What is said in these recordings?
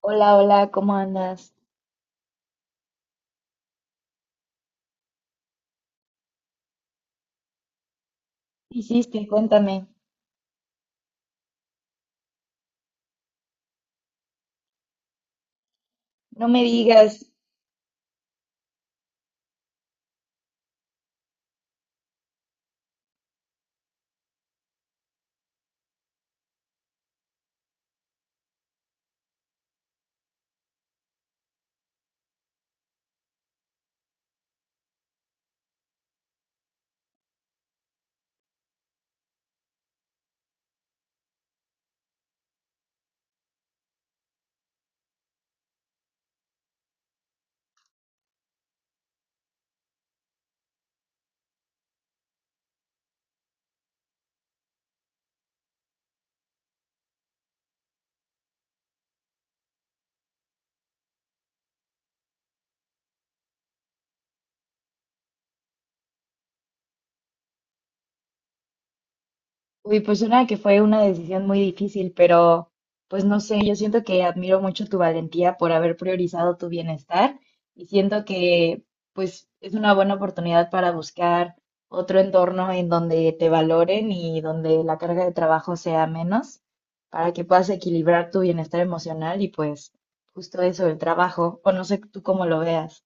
Hola, hola, ¿cómo andas? ¿Qué hiciste? Cuéntame. No me digas, uy, pues una que fue una decisión muy difícil, pero pues no sé, yo siento que admiro mucho tu valentía por haber priorizado tu bienestar y siento que pues es una buena oportunidad para buscar otro entorno en donde te valoren y donde la carga de trabajo sea menos, para que puedas equilibrar tu bienestar emocional y pues justo eso, el trabajo, o no sé tú cómo lo veas.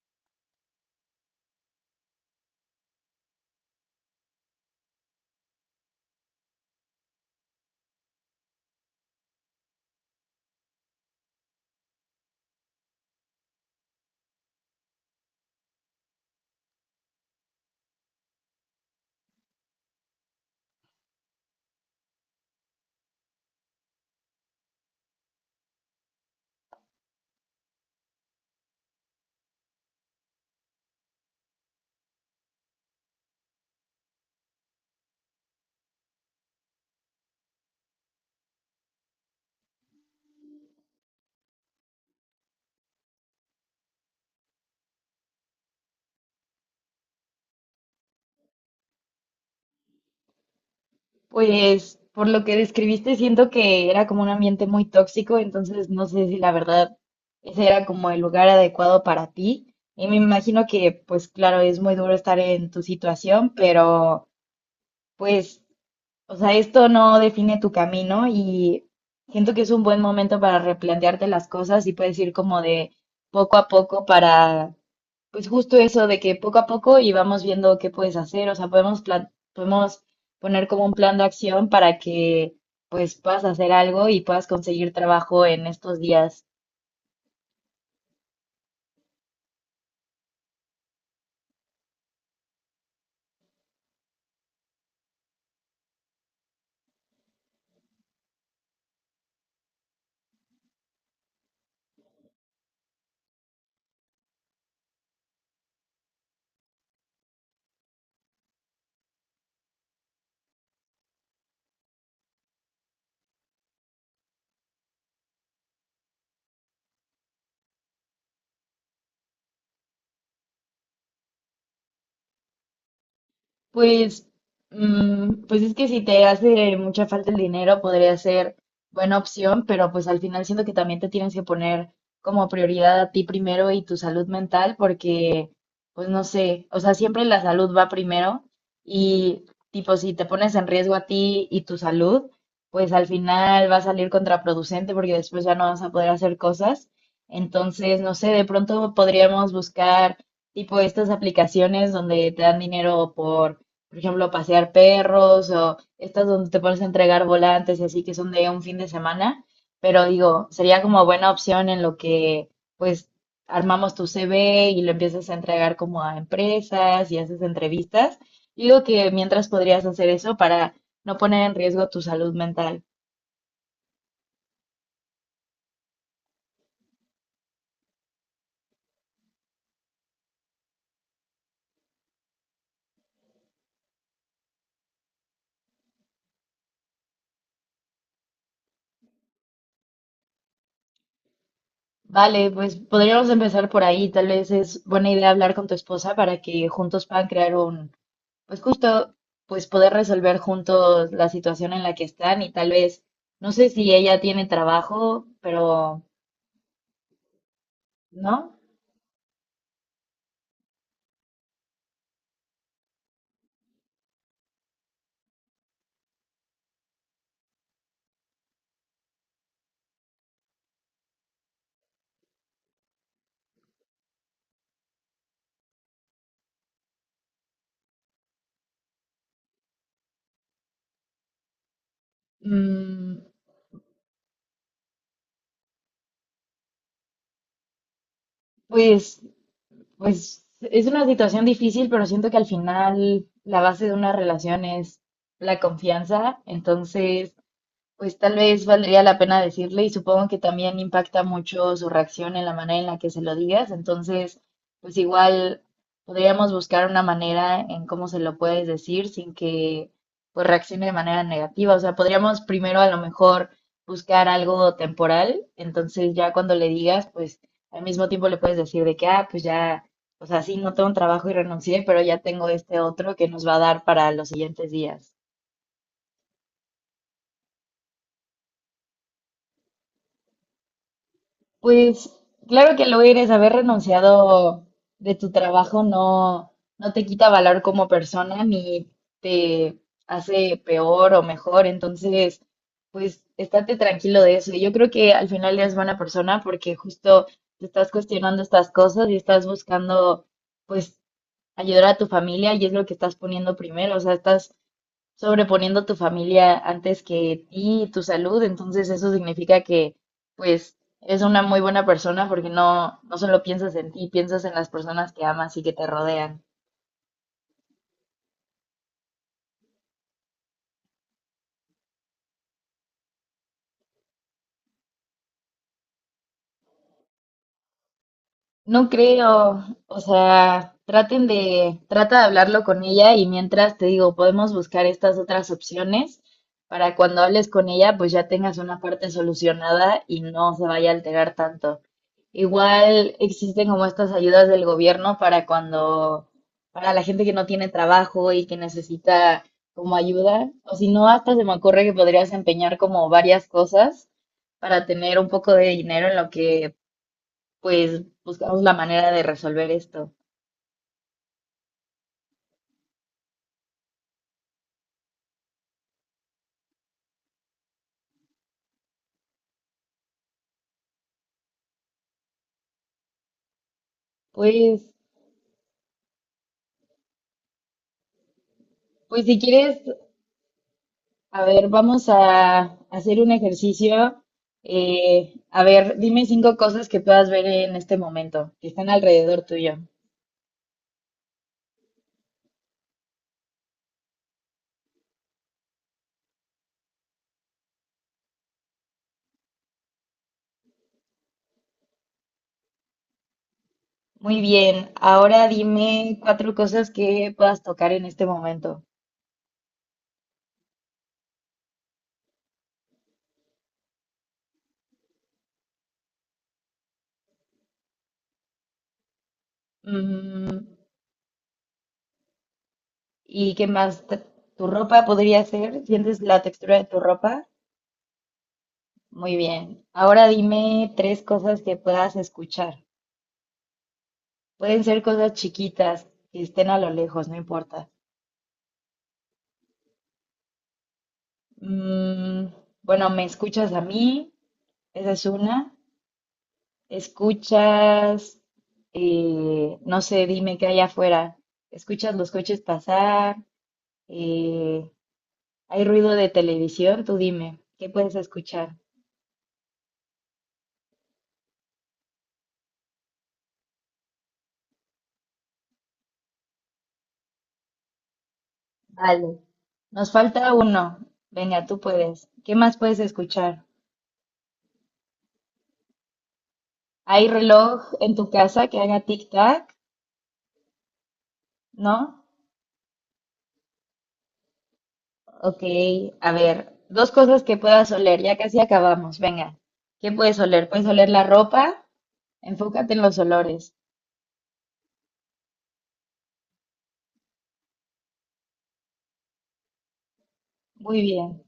Pues por lo que describiste, siento que era como un ambiente muy tóxico, entonces no sé si la verdad ese era como el lugar adecuado para ti. Y me imagino que, pues claro, es muy duro estar en tu situación, pero pues, o sea, esto no define tu camino y siento que es un buen momento para replantearte las cosas y puedes ir como de poco a poco para pues justo eso de que poco a poco y vamos viendo qué puedes hacer, o sea, podemos podemos poner como un plan de acción para que pues puedas hacer algo y puedas conseguir trabajo en estos días. Pues, mm, pues es que si te hace mucha falta el dinero, podría ser buena opción, pero pues al final siento que también te tienes que poner como prioridad a ti primero y tu salud mental, porque, pues no sé, o sea, siempre la salud va primero y tipo, si te pones en riesgo a ti y tu salud, pues al final va a salir contraproducente porque después ya no vas a poder hacer cosas. Entonces, no sé, de pronto podríamos buscar tipo estas aplicaciones donde te dan dinero por ejemplo, pasear perros o estas donde te pones a entregar volantes y así que son de un fin de semana, pero digo, sería como buena opción en lo que pues armamos tu CV y lo empiezas a entregar como a empresas y haces entrevistas. Yo digo que mientras podrías hacer eso para no poner en riesgo tu salud mental. Vale, pues podríamos empezar por ahí. Tal vez es buena idea hablar con tu esposa para que juntos puedan crear un. Pues justo, pues poder resolver juntos la situación en la que están y tal vez, no sé si ella tiene trabajo, pero no, mm, pues, pues es una situación difícil, pero siento que al final la base de una relación es la confianza, entonces... Pues tal vez valdría la pena decirle y supongo que también impacta mucho su reacción en la manera en la que se lo digas. Entonces, pues igual podríamos buscar una manera en cómo se lo puedes decir sin que pues reaccione de manera negativa. O sea, podríamos primero a lo mejor buscar algo temporal. Entonces ya cuando le digas, pues al mismo tiempo le puedes decir de que, ah, pues ya, o sea, sí, no tengo un trabajo y renuncié, pero ya tengo este otro que nos va a dar para los siguientes días. Pues claro que lo eres, haber renunciado de tu trabajo no, no te quita valor como persona ni te hace peor o mejor. Entonces, pues estate tranquilo de eso. Yo creo que al final eres buena persona porque justo te estás cuestionando estas cosas y estás buscando, pues, ayudar a tu familia y es lo que estás poniendo primero. O sea, estás sobreponiendo a tu familia antes que ti y tu salud, entonces eso significa que pues eres una muy buena persona porque no, no solo piensas en ti, piensas en las personas que amas y que te rodean. No creo, o sea, traten de, trata de hablarlo con ella y mientras te digo, podemos buscar estas otras opciones para cuando hables con ella, pues ya tengas una parte solucionada y no se vaya a alterar tanto. Igual existen como estas ayudas del gobierno para cuando, para la gente que no tiene trabajo y que necesita como ayuda, o si no, hasta se me ocurre que podrías empeñar como varias cosas para tener un poco de dinero en lo que pues buscamos la manera de resolver esto. Pues, pues si quieres, a ver, vamos a hacer un ejercicio. A ver, dime cinco cosas que puedas ver en este momento, que están alrededor tuyo. Muy bien, ahora dime cuatro cosas que puedas tocar en este momento. Mm, ¿y qué más? T- ¿Tu ropa podría ser? ¿Sientes la textura de tu ropa? Muy bien. Ahora dime tres cosas que puedas escuchar. Pueden ser cosas chiquitas que estén a lo lejos, no importa. Mm, bueno, me escuchas a mí, esa es una. Escuchas, no sé, dime qué hay afuera. Escuchas los coches pasar, eh, hay ruido de televisión, tú dime, ¿qué puedes escuchar? Vale. Nos falta uno. Venga, tú puedes. ¿Qué más puedes escuchar? ¿Hay reloj en tu casa que haga tic-tac? ¿No? Ok, a ver, dos cosas que puedas oler, ya casi acabamos, venga. ¿Qué puedes oler? Puedes oler la ropa, enfócate en los olores. Muy bien.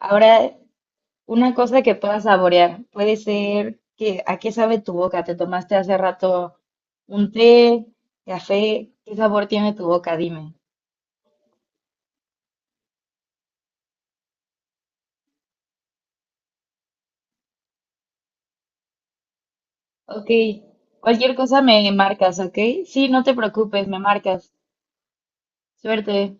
Ahora, una cosa que puedas saborear, puede ser que a qué sabe tu boca, te tomaste hace rato un té, café, ¿qué sabor tiene tu boca? Dime. Ok, cualquier cosa me marcas, ¿ok? Sí, no te preocupes, me marcas. Suerte.